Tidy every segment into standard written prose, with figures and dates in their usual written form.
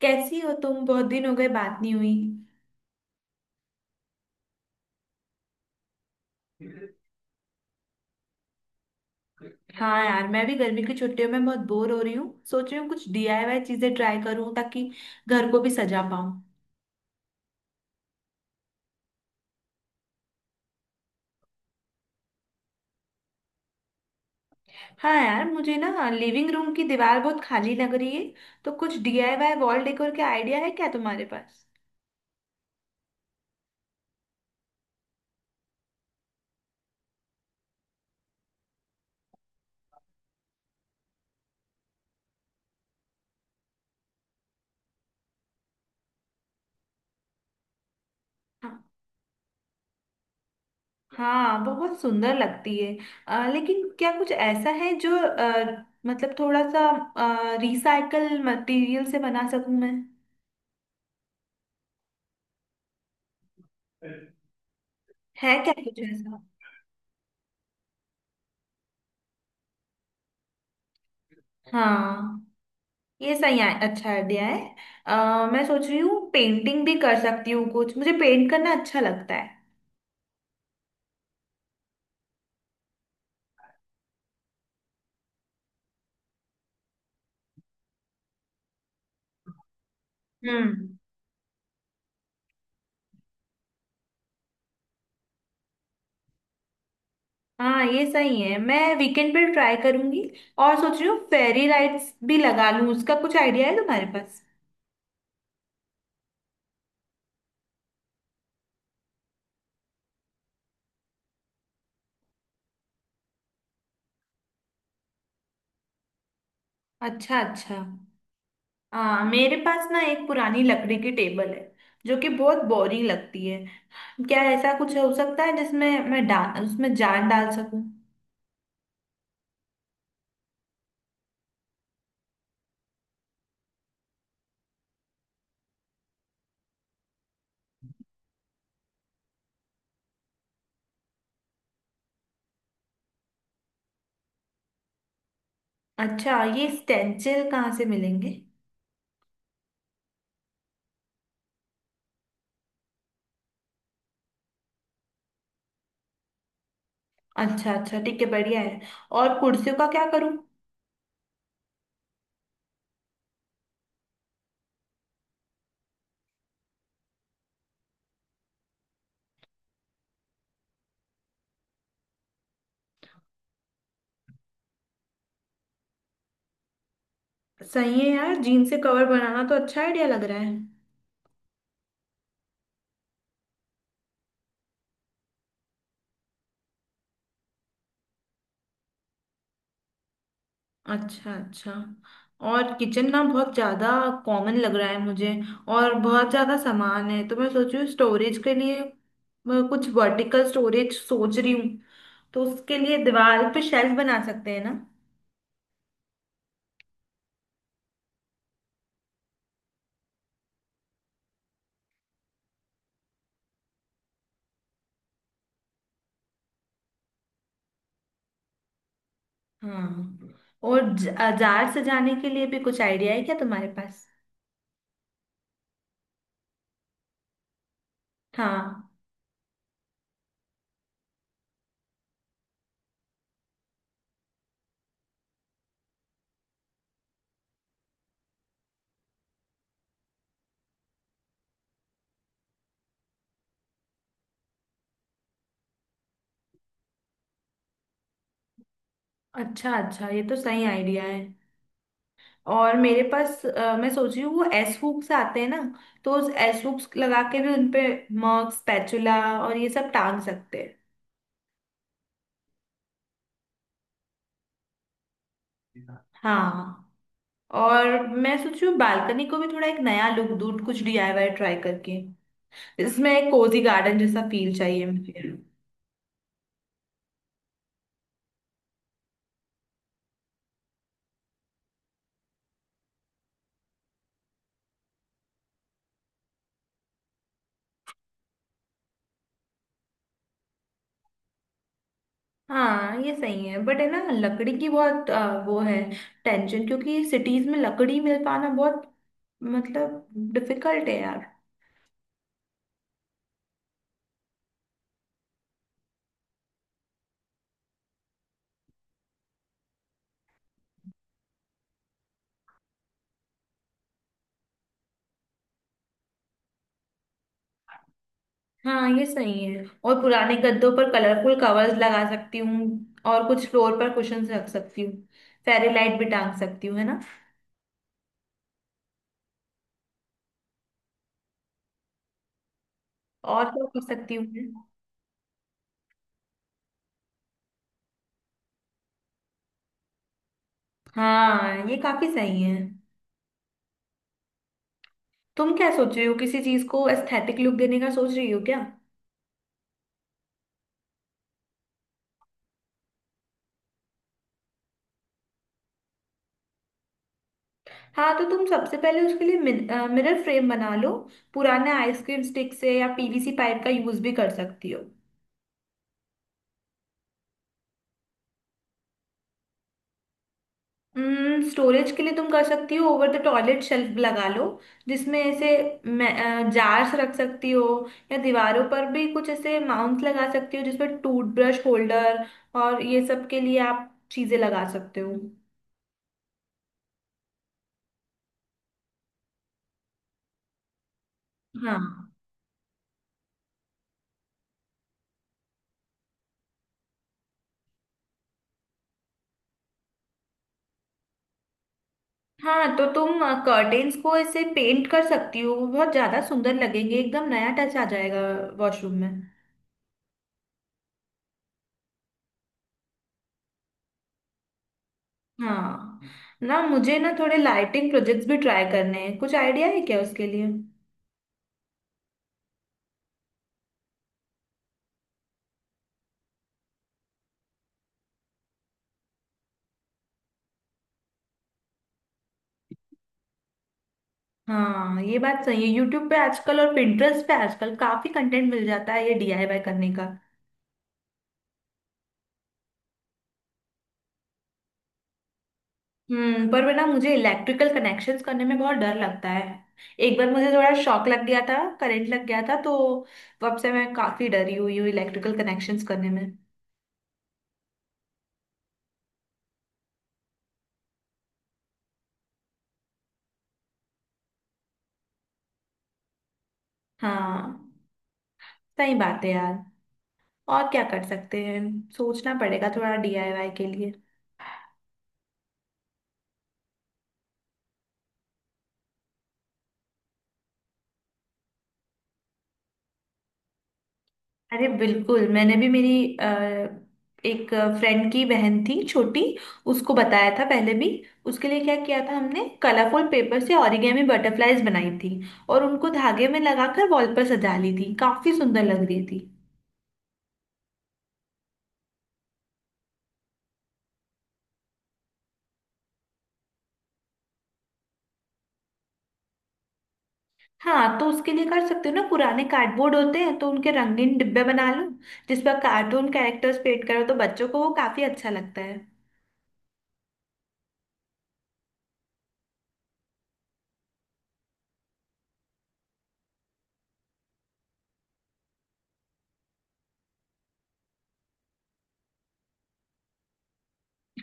कैसी हो तुम? बहुत दिन हो गए, बात नहीं हुई। हाँ यार, मैं भी गर्मी की छुट्टियों में बहुत बोर हो रही हूँ। सोच रही हूँ कुछ डीआईवाई चीजें ट्राई करूँ ताकि घर को भी सजा पाऊँ। हाँ यार, मुझे ना लिविंग रूम की दीवार बहुत खाली लग रही है, तो कुछ डीआईवाई वॉल डेकोर के आइडिया है क्या तुम्हारे पास? हाँ। हाँ, बहुत सुंदर लगती है। लेकिन क्या कुछ ऐसा है जो मतलब थोड़ा सा रिसाइकल मटेरियल से बना सकूं मैं? है क्या कुछ ऐसा? हाँ, ये सही है। अच्छा आइडिया है। मैं सोच रही हूँ पेंटिंग भी कर सकती हूँ। कुछ मुझे पेंट करना अच्छा लगता है। हम्म। हाँ ये सही है, मैं वीकेंड पे ट्राई करूंगी। और सोच रही हूँ फेरी लाइट्स भी लगा लूँ, उसका कुछ आइडिया है तुम्हारे पास? अच्छा, अच्छा। हाँ, मेरे पास ना एक पुरानी लकड़ी की टेबल है जो कि बहुत बोरिंग लगती है। क्या ऐसा कुछ हो सकता है जिसमें मैं डाल उसमें जान डाल सकूं? अच्छा, ये स्टेंसिल कहाँ से मिलेंगे? अच्छा अच्छा, ठीक है, बढ़िया है। और कुर्सियों का क्या करूं? सही है यार, जीन से कवर बनाना तो अच्छा आइडिया लग रहा है। अच्छा, अच्छा। और किचन ना बहुत ज्यादा कॉमन लग रहा है मुझे, और बहुत ज्यादा सामान है। तो मैं सोच रही हूँ स्टोरेज के लिए मैं कुछ वर्टिकल स्टोरेज सोच रही हूँ, तो उसके लिए दीवार पे शेल्फ बना सकते हैं ना? हाँ। और जार सजाने के लिए भी कुछ आइडिया है क्या तुम्हारे पास? हाँ। अच्छा अच्छा, ये तो सही आइडिया है। और मेरे पास मैं सोच रही हूँ वो एस हुक्स आते हैं ना, तो उस एस हुक्स लगा के भी उनपे मग, स्पैचुला और ये सब टांग सकते हैं। हाँ। और मैं सोच रही हूँ बालकनी को भी थोड़ा एक नया लुक दूँ कुछ डीआईवाई ट्राई करके। इसमें एक कोजी गार्डन जैसा फील चाहिए मुझे। हाँ ये सही है, बट है ना लकड़ी की बहुत वो है टेंशन, क्योंकि सिटीज में लकड़ी मिल पाना बहुत मतलब डिफिकल्ट है यार। हाँ ये सही है। और पुराने गद्दों पर कलरफुल कवर्स लगा सकती हूँ और कुछ फ्लोर पर कुशंस रख सकती हूँ, फेरी लाइट भी टांग सकती हूँ, है ना? और क्या कर सकती हूँ मैं? हाँ ये काफी सही है। तुम क्या सोच रही हो? किसी चीज को एस्थेटिक लुक देने का सोच रही हो क्या? हाँ तो तुम सबसे पहले उसके लिए मिरर फ्रेम बना लो पुराने आइसक्रीम स्टिक से, या पीवीसी पाइप का यूज भी कर सकती हो। स्टोरेज के लिए तुम कर सकती हो, ओवर द टॉयलेट शेल्फ लगा लो जिसमें ऐसे जार्स रख सकती हो। या दीवारों पर भी कुछ ऐसे माउंट लगा सकती हो जिसमें टूथब्रश होल्डर और ये सब के लिए आप चीजें लगा सकते हो। हाँ। हाँ तो तुम कर्टेन्स को ऐसे पेंट कर सकती हो, वो बहुत ज्यादा सुंदर लगेंगे, एकदम नया टच आ जाएगा वॉशरूम में। हाँ। ना मुझे ना थोड़े लाइटिंग प्रोजेक्ट्स भी ट्राई करने हैं, कुछ आइडिया है क्या उसके लिए? हाँ ये बात सही है, यूट्यूब पे आजकल और Pinterest पे आजकल काफी कंटेंट मिल जाता है ये डीआईवाई करने का। हम्म। पर ना मुझे इलेक्ट्रिकल कनेक्शंस करने में बहुत डर लगता है। एक बार मुझे थोड़ा शॉक लग गया था, करंट लग गया था, तो तब से मैं काफी डरी हुई हूँ इलेक्ट्रिकल कनेक्शंस करने में। हाँ सही बात है यार। और क्या कर सकते हैं, सोचना पड़ेगा थोड़ा डीआईवाई के लिए। अरे बिल्कुल, मैंने भी मेरी अ, एक फ्रेंड की बहन थी छोटी, उसको बताया था पहले भी। उसके लिए क्या किया था हमने? कलरफुल पेपर से ओरिगेमी बटरफ्लाईज बनाई थी और उनको धागे में लगाकर वॉल पर सजा ली थी, काफी सुंदर लग रही थी। हाँ तो उसके लिए कर सकते हो ना, पुराने कार्डबोर्ड होते हैं तो उनके रंगीन डिब्बे बना लो जिस पर कार्टून कैरेक्टर्स पेंट करो, तो बच्चों को वो काफी अच्छा लगता है।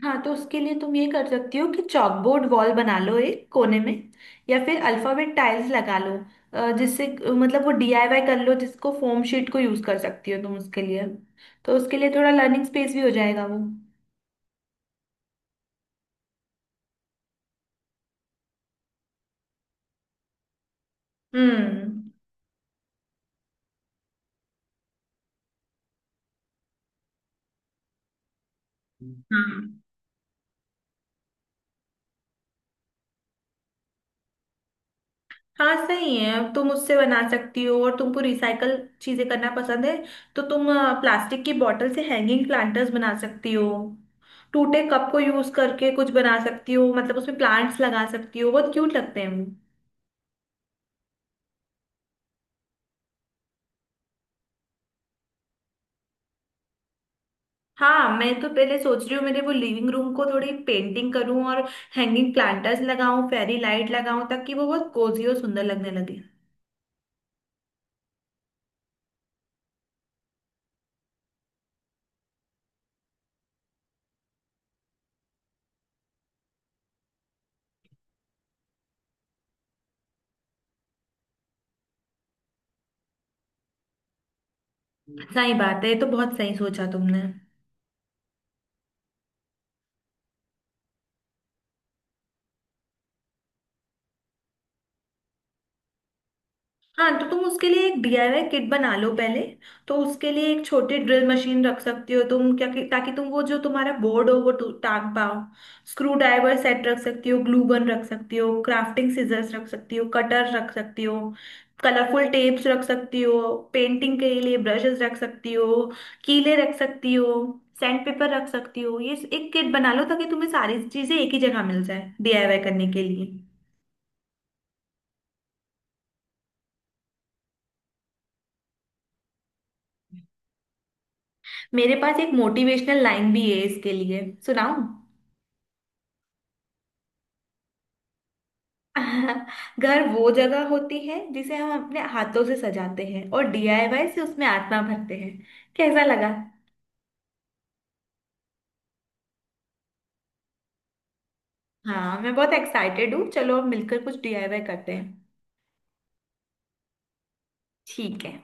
हाँ तो उसके लिए तुम ये कर सकती हो कि चॉकबोर्ड वॉल बना लो एक कोने में, या फिर अल्फाबेट टाइल्स लगा लो। जिससे मतलब वो डीआईवाई कर लो, जिसको फोम शीट को यूज कर सकती हो तुम उसके लिए। तो उसके लिए थोड़ा लर्निंग स्पेस भी हो जाएगा वो। हम्म। हाँ हाँ सही है, अब तुम उससे बना सकती हो। और तुमको रिसाइकल चीजें करना पसंद है, तो तुम प्लास्टिक की बॉटल से हैंगिंग प्लांटर्स बना सकती हो। टूटे कप को यूज करके कुछ बना सकती हो, मतलब उसमें प्लांट्स लगा सकती हो, बहुत क्यूट लगते हैं वो। हाँ मैं तो पहले सोच रही हूँ मेरे वो लिविंग रूम को थोड़ी पेंटिंग करूँ और हैंगिंग प्लांटर्स लगाऊं, फेरी लाइट लगाऊं, ताकि वो बहुत कोजी और सुंदर लगने लगे। सही बात है, ये तो बहुत सही सोचा तुमने। हाँ तो तुम उसके लिए एक डीआईवाई किट बना लो पहले। तो उसके लिए एक छोटी ड्रिल मशीन रख सकती हो तुम, ताकि तुम वो जो तुम्हारा बोर्ड हो वो टांग पाओ। स्क्रू ड्राइवर सेट रख सकती हो, ग्लू गन रख सकती हो, क्राफ्टिंग सीजर्स रख सकती हो, कटर रख सकती हो, कलरफुल टेप्स रख सकती हो, पेंटिंग के लिए ब्रशेस रख सकती हो, कीले रख सकती हो, सैंड पेपर रख सकती हो। ये एक किट बना लो ताकि तुम्हें सारी चीजें एक ही जगह मिल जाए डीआईवाई करने के लिए। मेरे पास एक मोटिवेशनल लाइन भी है इसके लिए, सुनाऊं? घर वो जगह होती है जिसे हम अपने हाथों से सजाते हैं और डीआईवाई से उसमें आत्मा भरते हैं। कैसा लगा? हाँ मैं बहुत एक्साइटेड हूँ, चलो अब मिलकर कुछ डीआईवाई करते हैं। ठीक है।